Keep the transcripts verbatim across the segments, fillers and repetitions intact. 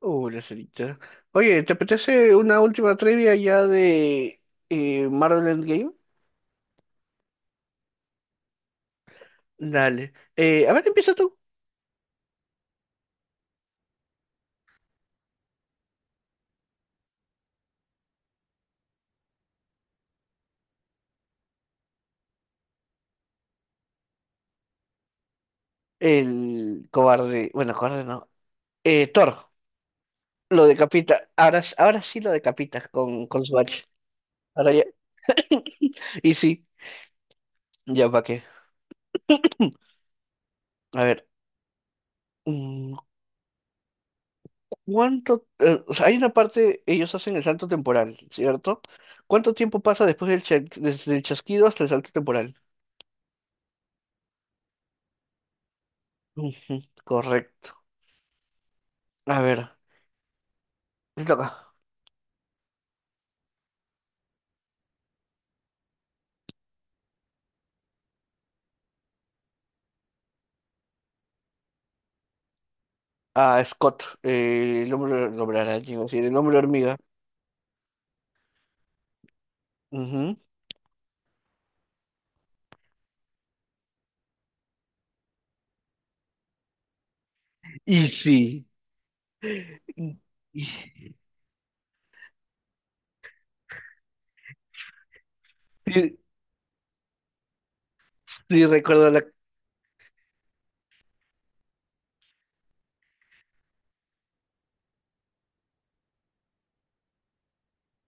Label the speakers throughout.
Speaker 1: Hola la cerita. Oye, ¿te apetece una última trivia ya de eh, Marvel Endgame? Dale. Eh, a ver, empieza tú. El cobarde. Bueno, cobarde no. Eh, Thor lo decapita. Ahora, s- ahora sí lo decapitas con, con su hacha. Ahora ya. Y sí, ya para qué. A ver. mm, ¿Cuánto? Eh, o sea, hay una parte, ellos hacen el salto temporal, ¿cierto? ¿Cuánto tiempo pasa después del, cha- desde el chasquido hasta el salto temporal? Ujú, correcto. A ver, te toca. a Scott, eh, el hombre el hombre araña, iba a decir, el hombre hormiga. Ujú. Y sí, y- y- sí, sí, recuerdo la...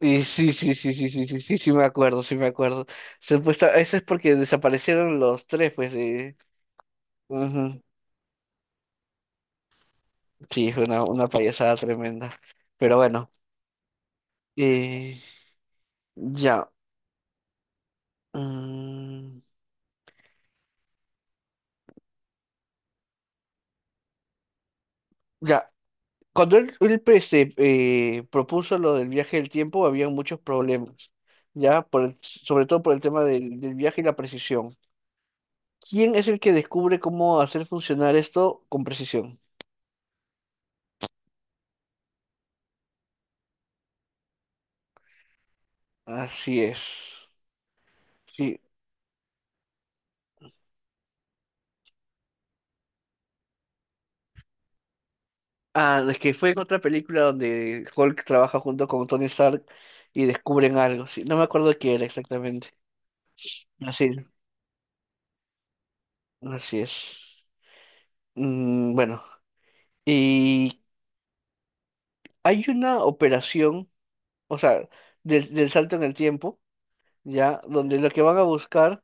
Speaker 1: Y sí, sí, sí, sí, sí, sí, sí, sí, me acuerdo, sí me acuerdo. Supuesta, eso es porque desaparecieron los tres, pues, de... Ujú. Sí, fue una, una payasada tremenda. Pero bueno, eh, ya. mm, ya, cuando él, él, pues, se, eh, propuso lo del viaje del tiempo, había muchos problemas, ya, por el- sobre todo por el tema del, del viaje y la precisión. ¿Quién es el que descubre cómo hacer funcionar esto con precisión? Así es. Sí. Ah, es que fue en otra película donde Hulk trabaja junto con Tony Stark y descubren algo. Sí, no me acuerdo qué era exactamente. Así, así es. Mm, bueno, y hay una operación, o sea, del del salto en el tiempo. Ya, donde lo que van a buscar,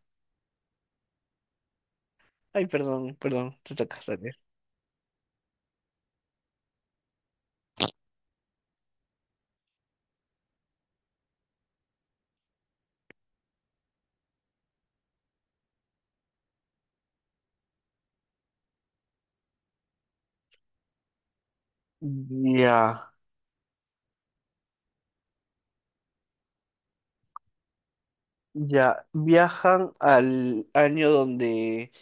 Speaker 1: ay, perdón, perdón, te toca dale. Ya, ya, viajan al año donde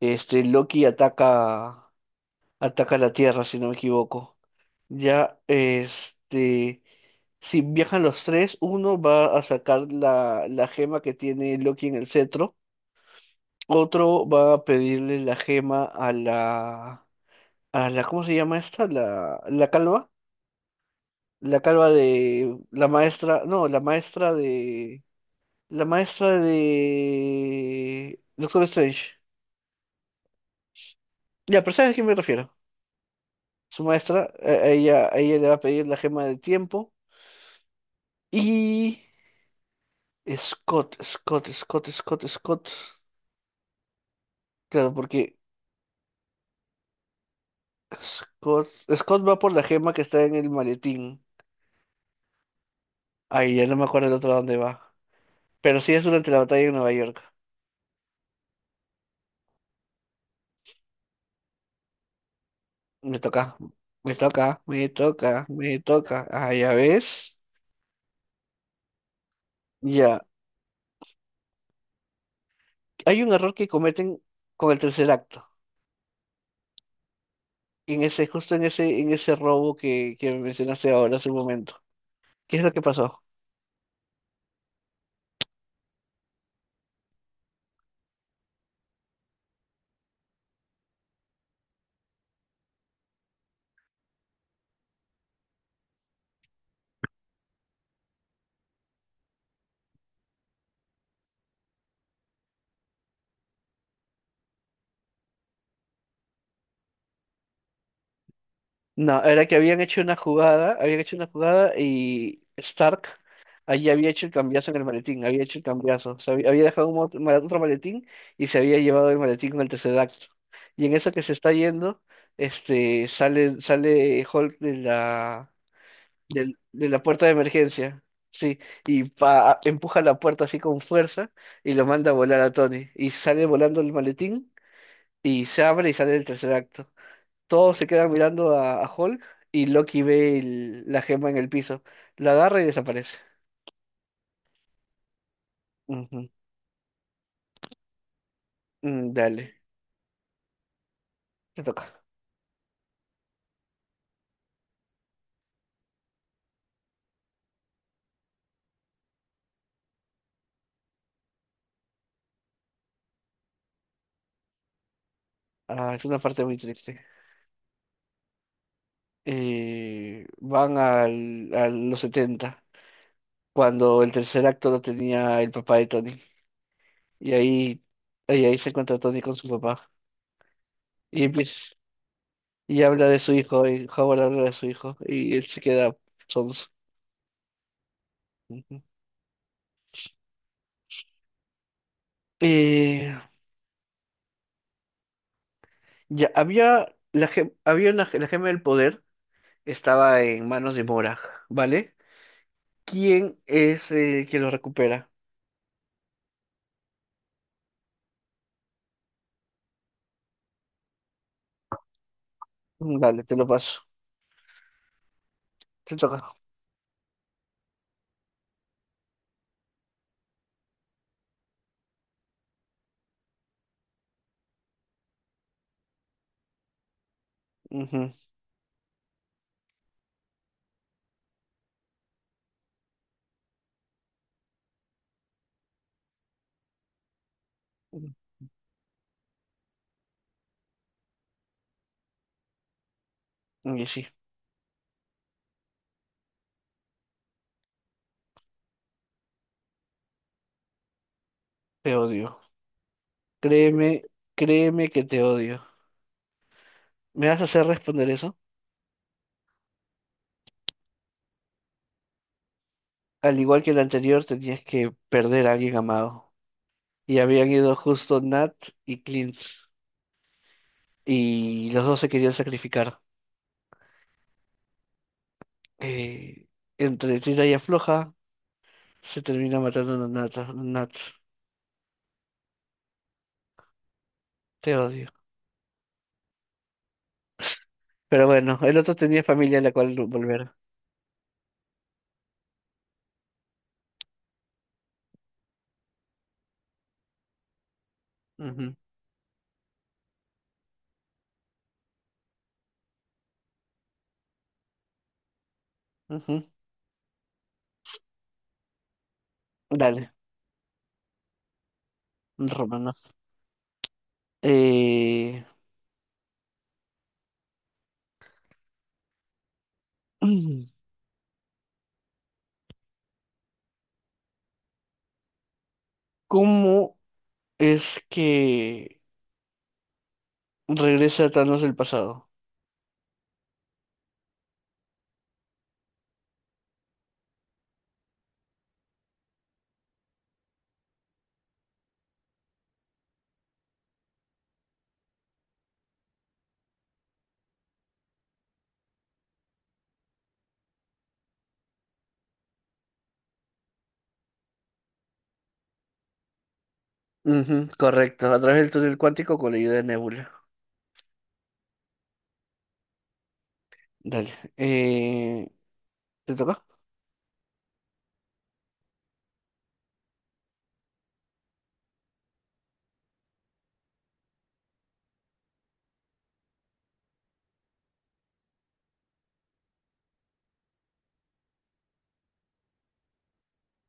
Speaker 1: este Loki ataca, ataca la Tierra, si no me equivoco. Ya, este, si viajan los tres, uno va a sacar la, la gema que tiene Loki en el cetro, otro va a pedirle la gema a la, a la, ¿cómo se llama esta? La, la calva. La calva de la maestra, no, la maestra de la maestra de Doctor Strange. Ya, pero ¿sabes a quién me refiero? Su maestra, a a ella, a ella le va a pedir la gema del tiempo y Scott, Scott, Scott, Scott, Scott. Claro, porque Scott, Scott va por la gema que está en el maletín. Ay, ya no me acuerdo el otro dónde va. Pero sí es durante la batalla en Nueva York. Me toca, me toca, me toca, me toca. Ah, ya ves. Ya, hay un error que cometen con el tercer acto, en ese, justo en ese, en ese robo que, que mencionaste ahora hace un momento. ¿Qué es lo que pasó? No, era que habían hecho una jugada, habían hecho una jugada y Stark allí había hecho el cambiazo en el maletín, había hecho el cambiazo, o sea, había había dejado un mot- ma- otro maletín y se había llevado el maletín con el tercer acto. Y en eso que se está yendo, este, sale, sale Hulk de la del- de la puerta de emergencia. Sí, y pa- empuja la puerta así con fuerza y lo manda a volar a Tony. Y sale volando el maletín y se abre y sale el tercer acto. Todos se quedan mirando a, a Hulk y Loki ve el- la gema en el piso. La agarra y desaparece. Ujú. Mm, dale, te toca. Ah, es una parte muy triste. Eh, van al, a los setenta cuando el tercer acto lo tenía el papá de Tony. Y ahí, y ahí se encuentra Tony con su papá. Y, empie- y habla de su hijo, y Howard habla de su hijo, y él se queda sonso. Ujú. Eh, ya, había, la, gem- había una, ge- la gema del poder estaba en manos de Morag, ¿vale? ¿Quién es eh, quien lo recupera? Mm, Dale, te lo paso. Te toca. Ujú. Mm, Y sí, te odio. Créeme, créeme que te odio. ¿Me vas a hacer responder eso? Al igual que el anterior, tenías que perder a alguien amado. Y habían ido justo Nat y Clint, y los dos se querían sacrificar. Eh, Entre tira y afloja, se termina matando a Nat, Nat. Te odio. Pero bueno, el otro tenía familia a la cual no volver. Ujú, ujú. Dale, Romano. Eh, ¿Cómo es que regresa Thanos del pasado? Ujú, correcto, a través del túnel cuántico con la ayuda de Nebula. Dale. Eh, ¿te toca?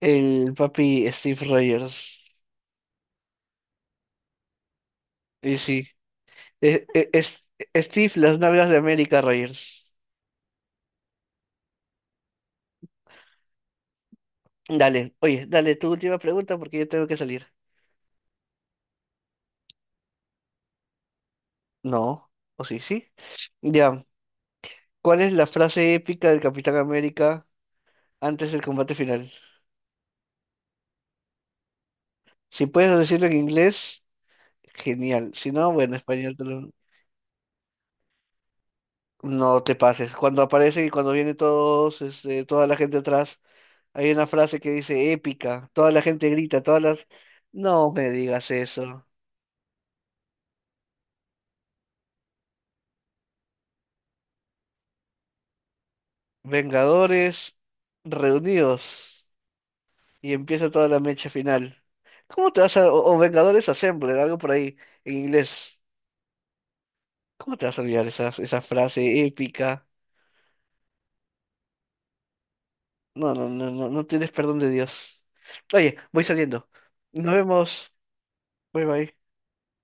Speaker 1: El papi Steve Rogers. Y sí, Eh, eh, es- Steve, las nalgas de América, Roger. Dale, oye, dale tu última pregunta porque yo tengo que salir. No, o sí, sí. Ya, ¿cuál es la frase épica del Capitán América antes del combate final? Si puedes decirlo en inglés, genial. Si no, bueno, español te lo- no te pases. Cuando aparece y cuando viene todos, este, toda la gente atrás, hay una frase que dice épica. Toda la gente grita, todas las... No me digas eso. Vengadores reunidos y empieza toda la mecha final. ¿Cómo te vas a... o, o Vengadores Assembled, algo por ahí en inglés. ¿Cómo te vas a olvidar esa, esa frase épica? No, no, no, no, no tienes perdón de Dios. Oye, voy saliendo. Nos vemos. Bye bye.